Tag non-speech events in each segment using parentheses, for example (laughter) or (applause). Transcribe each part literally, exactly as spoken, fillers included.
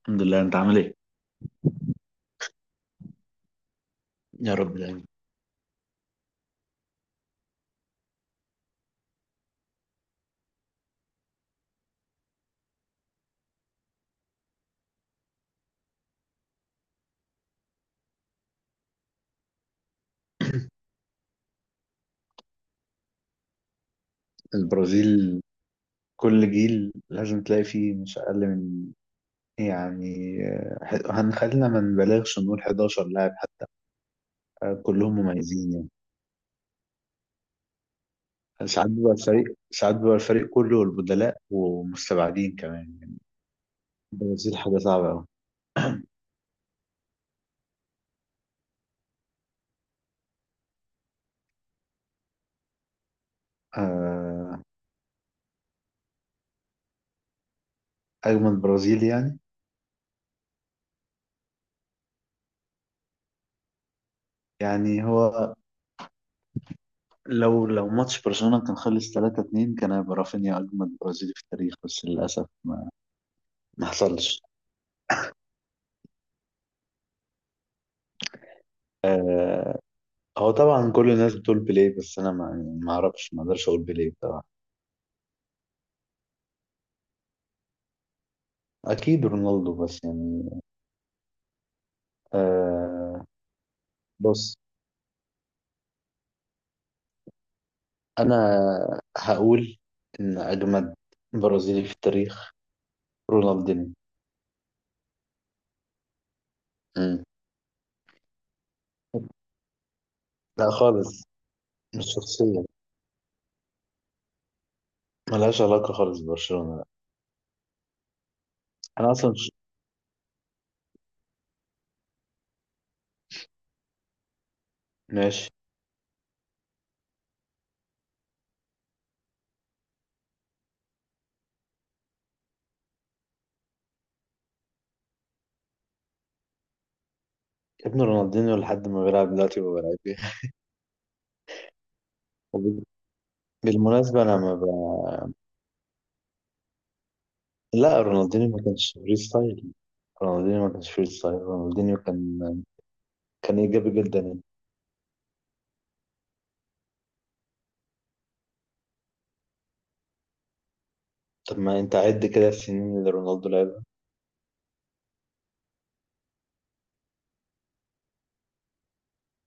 الحمد لله، انت عامل ايه؟ يا رب دايما. (clears throat) البرازيل، كل جيل لازم تلاقي فيه مش أقل من إيه يعني آه، ح- هنخلينا ما نبالغش نقول حداشر لاعب حتى. آه، كلهم مميزين يعني. ساعات بيبقى الفريق ساعات بيبقى الفريق كله والبدلاء ومستبعدين كمان يعني. البرازيل حاجة صعبة أوي. آه، أجمل برازيل يعني. يعني هو لو لو ماتش برشلونة كان خلص ثلاثة اتنين، كان هيبقى رافينيا أجمل برازيلي في التاريخ بس للأسف ما ما حصلش. آه، هو طبعا كل الناس بتقول بيليه بس انا ما يعني ما اعرفش ما اقدرش اقول بيليه طبعا. اكيد رونالدو بس يعني. آه بص، انا هقول ان اجمد برازيلي في التاريخ رونالدينيو. مم. لا خالص، مش شخصية، ملهاش علاقة خالص ببرشلونة لا. أنا أصلا ش... ماشي. ابن رونالدينيو لحد ما بيلعب دلوقتي ما بلعب بيه. وب- بالمناسبة أنا ما ب... لا، رونالدينيو ما كانش فري ستايل رونالدينيو ما كانش فري ستايل، رونالدينيو كان كان ايجابي جدا يعني. طب ما انت عد كده السنين اللي رونالدو لعبها.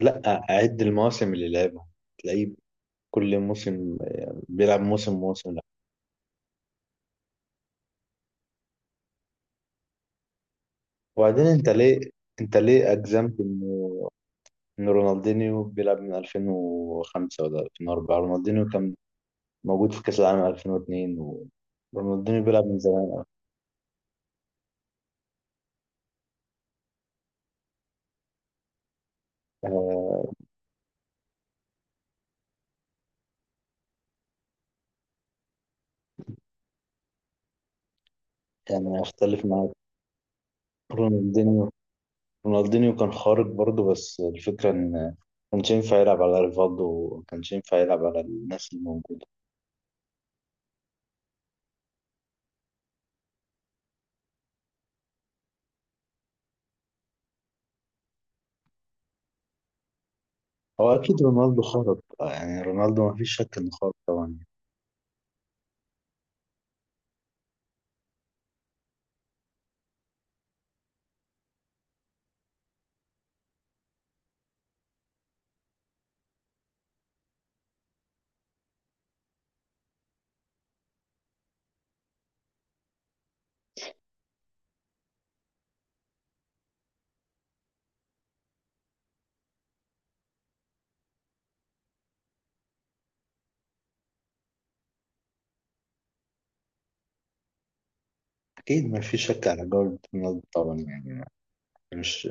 لا، عد المواسم اللي لعبها، تلاقيه كل موسم آه، بيلعب موسم موسم لا. وبعدين انت ليه انت ليه اجزمت انه ان رونالدينيو بيلعب من ألفين وخمسة ولا ألفين وأربعة، رونالدينيو كان موجود في كاس العالم ألفين واثنين و... رونالدينيو بيلعب من زمان. آه، يعني اختلف معاك. رونالدينيو رونالدينيو كان خارق برضه بس الفكرة إن ما كانش ينفع يلعب على ريفالدو وما كانش ينفع يلعب على الناس الموجودة. هو أكيد رونالدو خارق، آه، يعني رونالدو ما فيش شك إنه خارق طبعا. أكيد ما فيش شك على جودة رونالدو طبعا يعني. مش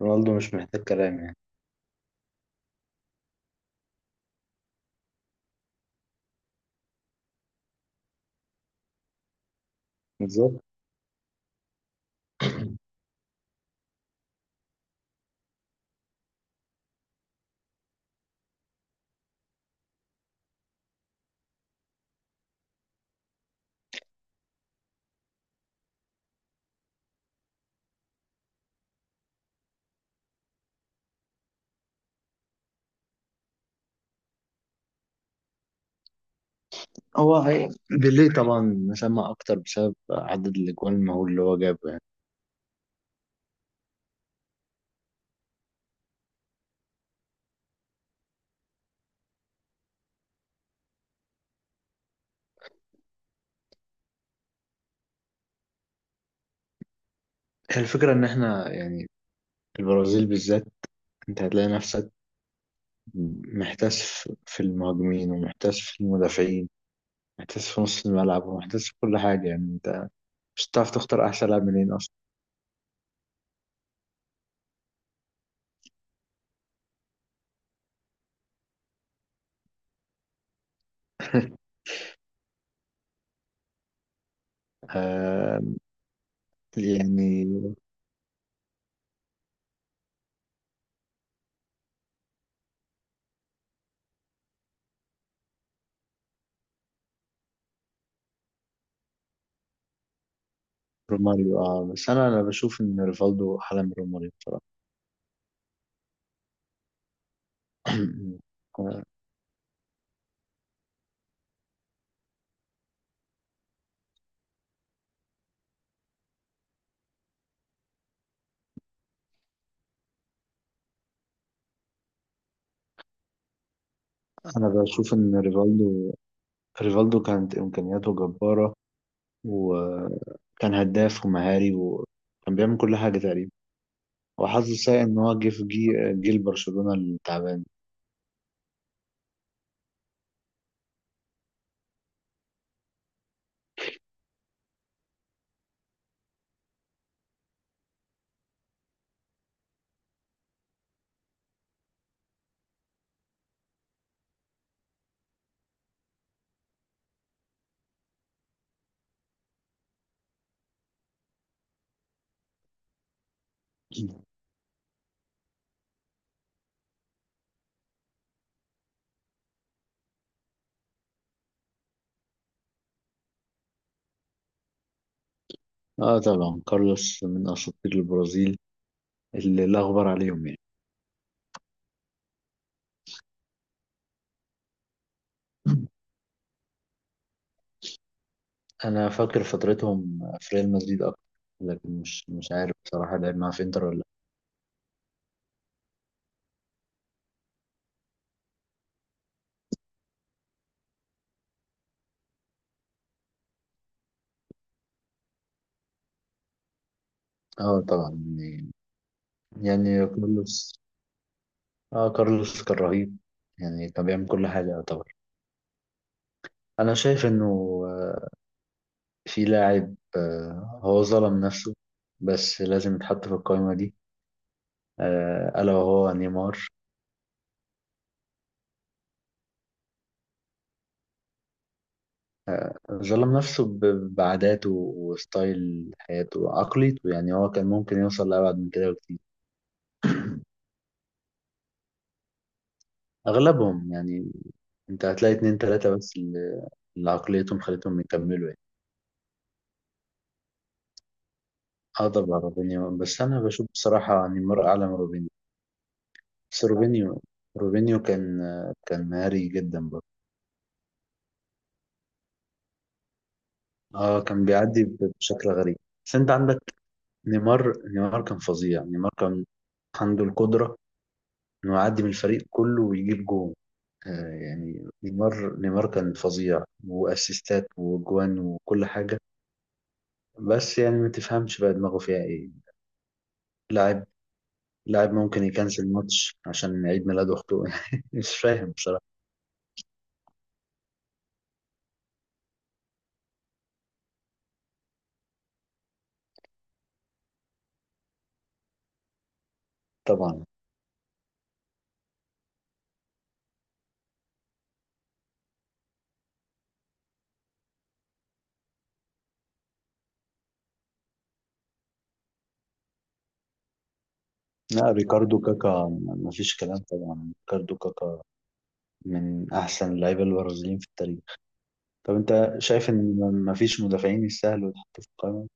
رونالدو مش محتاج كلام يعني. بالظبط. هو هي- بيليه طبعا مسمى أكتر بسبب عدد الأجوان المهول اللي هو جابه يعني. هي الفكرة إن إحنا يعني، البرازيل بالذات، أنت هتلاقي نفسك محتاس في المهاجمين ومحتاس في المدافعين، محتاس في نص الملعب ومحتاس في كل حاجة، يعني انت مش هتعرف تختار أحسن لاعب منين أصلا. (laughs) آه يعني روماريو. اه، بس أنا أنا بشوف إن ريفالدو أحلى من روماريو بصراحة. (clears throat) آه، أنا بشوف إن ريفالدو ريفالدو كانت إمكانياته جبارة، وكان هداف ومهاري وكان بيعمل كل حاجة تقريبا، وحظه سيء إن هو جه في جي- جيل برشلونة التعبان. (clears throat) اه طبعا، كارلوس من أساطير البرازيل اللي لا غبار عليهم يعني. (clears throat) انا فاكر فترتهم في ريال مدريد اكتر، لكن مش مش عارف بصراحه لعب معاه في انتر ولا لا. اه طبعا يعني يعني كارلوس، اه كارلوس كان رهيب يعني، كان بيعمل كل حاجه يعتبر. انا شايف انه آه، في لاعب آه، هو ظلم نفسه بس لازم يتحط في القائمه دي، آه، الا وهو نيمار. ظلم نفسه ب- بعاداته وستايل حياته وعقليته يعني هو كان ممكن يوصل لأبعد من كده بكتير. اغلبهم يعني، انت هتلاقي اتنين تلاتة بس اللي اللي عقليتهم خلتهم يكملوا يعني. اه طبعا روبينيو، بس انا بشوف بصراحة يعني مر اعلى من روبينيو. بس روبينيو روبينيو كان كان مهاري جدا برضه. اه كان بيعدي ب- بشكل غريب. بس انت عندك نيمار نيمار كان فظيع، نيمار كان عنده القدرة انه يعدي من الفريق كله ويجيب جون. آه يعني نيمار نيمار كان فظيع واسيستات وجوان وكل حاجة. بس يعني ما تفهمش بقى دماغه فيها ايه. لاعب لاعب ممكن يكنسل الماتش عشان عيد ميلاد اخته. (laughs) مش فاهم بصراحة. طبعا. لا، ريكاردو كاكا مفيش كلام، طبعا ريكاردو كاكا من احسن اللعيبة البرازيليين في التاريخ. طب انت شايف ان م- مفيش مدافعين يستاهلوا يتحطوا في القائمة؟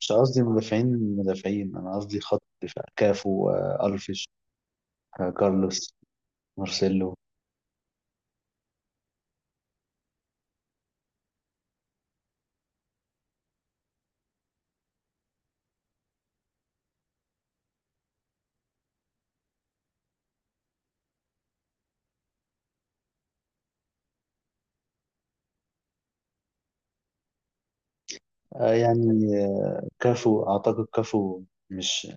مش قصدي مدافعين مدافعين، انا قصدي خط دفاع كافو، آه، الفيش، آه، كارلوس، مارسيلو. آه، يعني آه، كافو اعتقد كافو، مش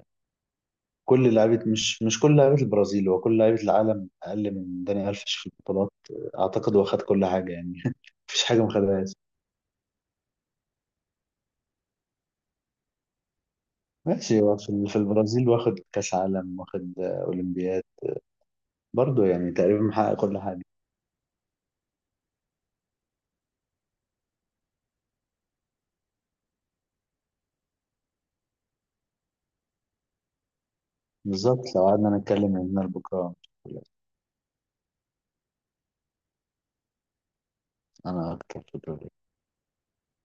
كل لعيبه مش مش كل لعيبه البرازيل هو كل لعيبه العالم اقل من داني الفيش في البطولات. اعتقد هو خد كل حاجه يعني. (laughs) مفيش حاجه ما خدهاش. ماشي، هو في في البرازيل واخد كاس عالم واخد آه، اولمبياد، برضه يعني تقريبا محقق كل حاجه. بالظبط، لو قعدنا نتكلم من هنا لبكره. انا اكتر في الدوري.